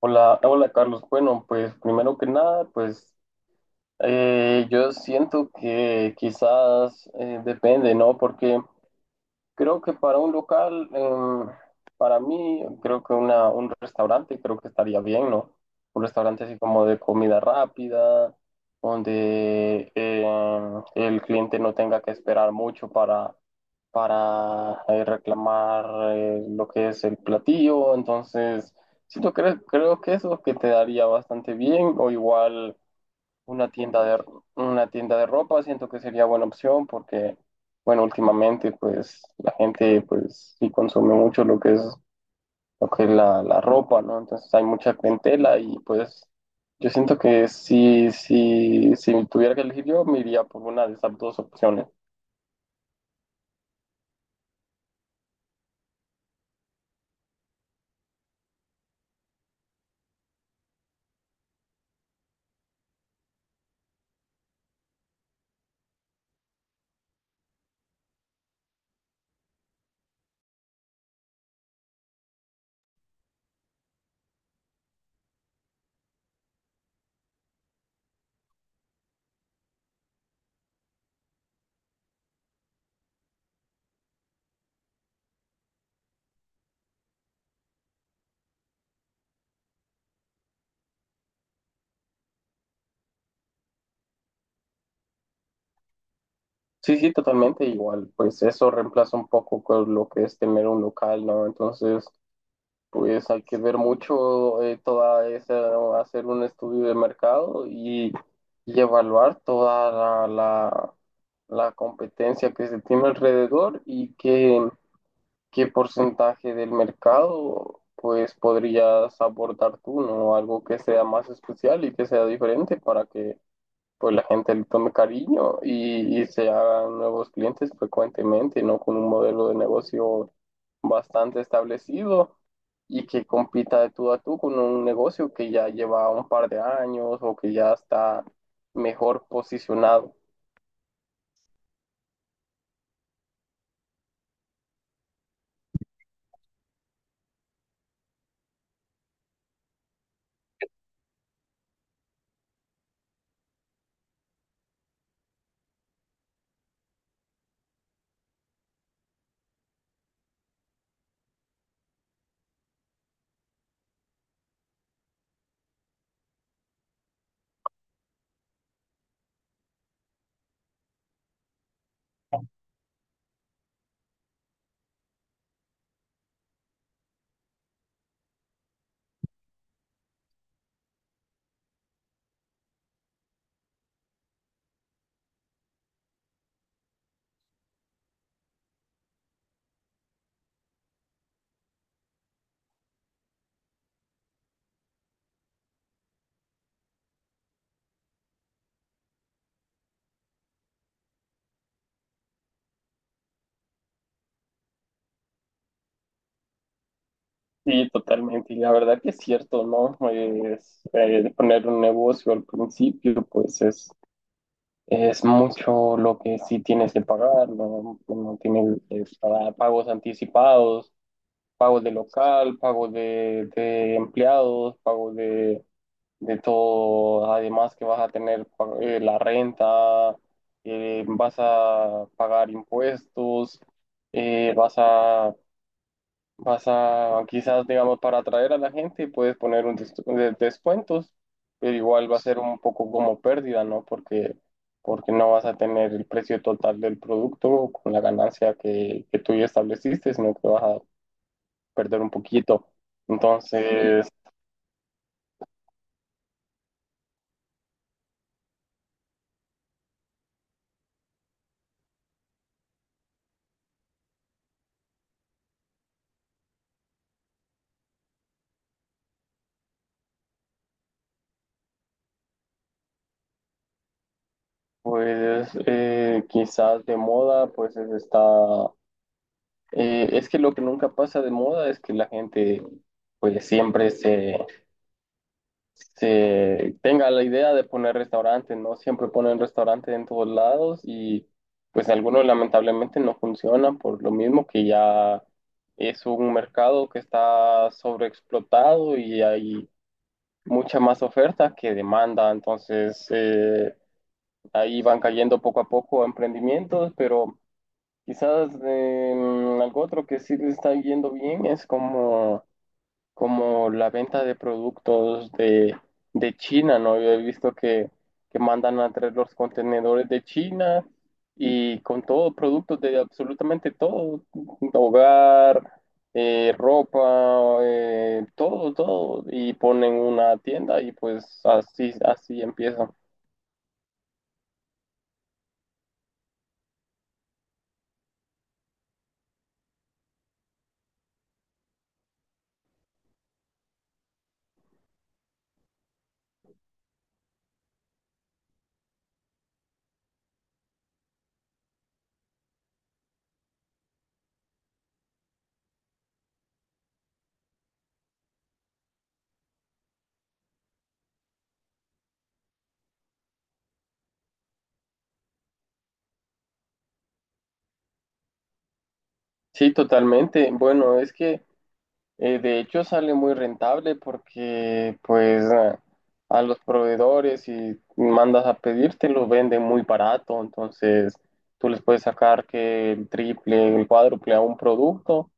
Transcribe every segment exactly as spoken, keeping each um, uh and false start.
Hola, hola Carlos. Bueno, pues primero que nada, pues eh, yo siento que quizás eh, depende, ¿no? Porque Creo que para un local, em, para mí, creo que una, un restaurante, creo que estaría bien, ¿no? Un restaurante así como de comida rápida, donde em, el cliente no tenga que esperar mucho para, para eh, reclamar eh, lo que es el platillo. Entonces, sí, yo creo, creo que eso que te daría bastante bien, o igual una tienda de, una tienda de ropa, siento que sería buena opción porque, bueno, últimamente pues la gente pues sí consume mucho lo que es, lo que es la, la ropa, ¿no? Entonces hay mucha clientela y pues yo siento que si, si, si tuviera que elegir yo, me iría por una de esas dos opciones. Sí, sí, totalmente igual, pues eso reemplaza un poco con lo que es tener un local, ¿no? Entonces... pues hay que ver mucho eh, toda esa, hacer un estudio de mercado y, y evaluar toda la, la- la competencia que se tiene alrededor y qué, qué porcentaje del mercado pues podrías abordar tú, ¿no? Algo que sea más especial y que sea diferente para que pues la gente le tome cariño y, y se hagan nuevos clientes frecuentemente, ¿no? Con un modelo de negocio bastante establecido y que compita de tú a tú con un negocio que ya lleva un par de años o que ya está mejor posicionado. Sí, totalmente. Y la verdad que es cierto, ¿no? Es, eh, poner un negocio al principio, pues es, es mucho lo que sí tienes que pagar, ¿no? Uno tiene que pagar pagos anticipados, pagos de local, pagos de, de empleados, pagos de, de todo, además que vas a tener pa- eh, la renta, eh, vas a pagar impuestos, eh, vas a, vas a, quizás, digamos, para atraer a la gente, puedes poner un des- de- descuentos, pero igual va a ser un poco como pérdida, ¿no? Porque, porque no vas a tener el precio total del producto con la ganancia que, que tú ya estableciste, sino que vas a perder un poquito. Entonces, pues eh, quizás de moda, pues es- está. Eh, es que lo que nunca pasa de moda es que la gente pues siempre se, se tenga la idea de poner restaurante, ¿no? Siempre ponen restaurante en todos lados y pues algunos lamentablemente no funcionan por lo mismo que ya es un mercado que está sobreexplotado y hay mucha más oferta que demanda, entonces... eh, Ahí van cayendo poco a poco emprendimientos, pero quizás em, algo otro que sí le está yendo bien es como, como la venta de productos de, de China, ¿no? Yo he visto que, que mandan a traer los contenedores de China y con todos productos de absolutamente todo, hogar, eh, ropa, eh, todo, todo, y ponen una tienda y pues así, así empiezan. Sí, totalmente. Bueno, es que eh, de hecho sale muy rentable porque pues a, a los proveedores si mandas a pedir te los venden muy barato, entonces tú les puedes sacar que el triple, el cuádruple a un producto,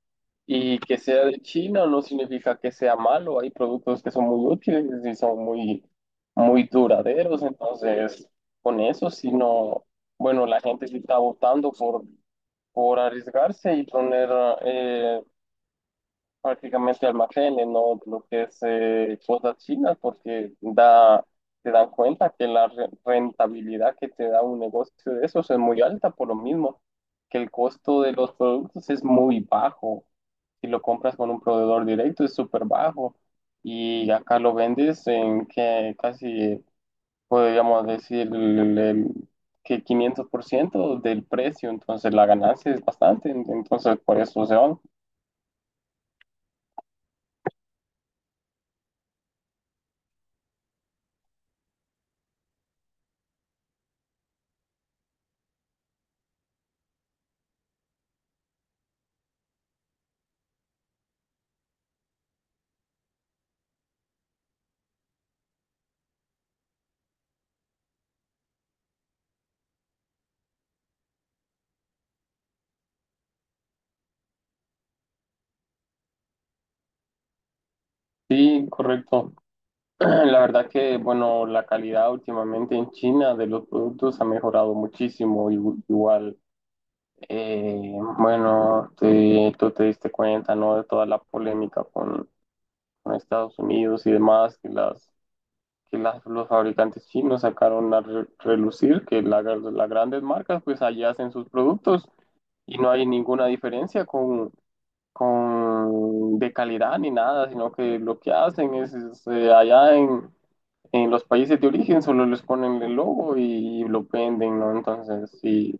y que sea de China no significa que sea malo. Hay productos que son muy útiles y son muy, muy duraderos. Entonces, con eso, si no, bueno, la gente sí está votando por, por arriesgarse y poner eh, prácticamente almacenes, ¿no? Lo que es eh, cosas chinas, porque da, se dan cuenta que la re- rentabilidad que te da un negocio de esos es muy alta, por lo mismo que el costo de los productos es muy bajo. Si lo compras con un proveedor directo es súper bajo. Y acá lo vendes en que casi, podríamos decir, el- el- que quinientos por ciento del precio, entonces la ganancia es bastante, entonces por eso se van. Sí, correcto. La verdad que, bueno, la calidad últimamente en China de los productos ha mejorado muchísimo. y- Igual, eh, bueno, te- tú te diste cuenta, ¿no? De toda la polémica con, con Estados Unidos y demás, que las, que las, los fabricantes chinos sacaron a re- relucir, que la- las grandes marcas, pues allá hacen sus productos y no hay ninguna diferencia con, con de calidad ni nada, sino que lo que hacen es, es, eh, allá en, en los países de origen solo les ponen el logo y lo venden, ¿no? Entonces, sí,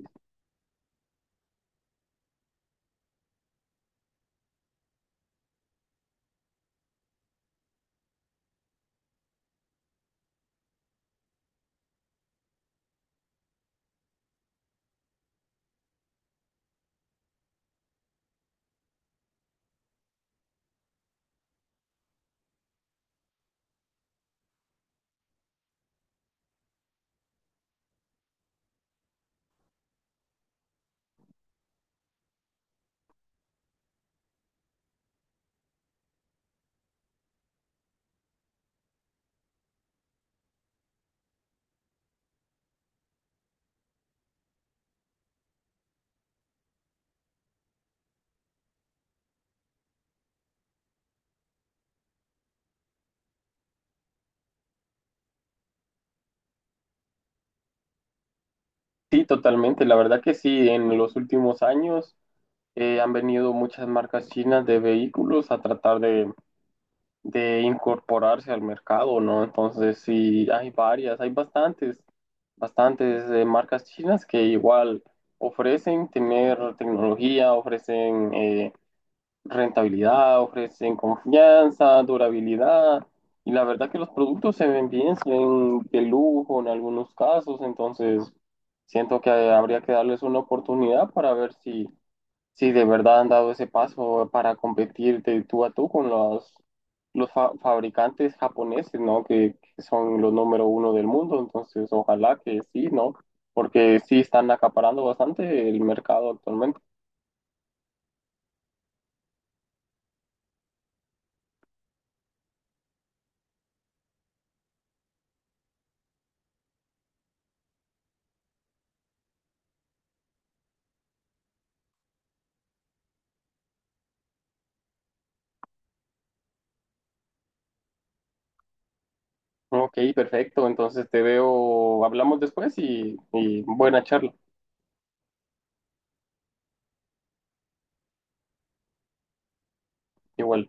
sí, totalmente. La verdad que sí, en los últimos años eh, han venido muchas marcas chinas de vehículos a tratar de, de incorporarse al mercado, ¿no? Entonces, sí, hay varias, hay bastantes, bastantes eh, marcas chinas que igual ofrecen tener tecnología, ofrecen... eh, rentabilidad, ofrecen confianza, durabilidad. Y la verdad que los productos se ven bien, se ven de lujo en algunos casos, entonces siento que habría que darles una oportunidad para ver si, si de verdad han dado ese paso para competir de tú a tú con los, los fa- fabricantes japoneses, ¿no? Que, que son los número uno del mundo, entonces ojalá que sí, ¿no? Porque sí están acaparando bastante el mercado actualmente. Ok, perfecto. Entonces te veo, hablamos después y, y buena charla. Igual.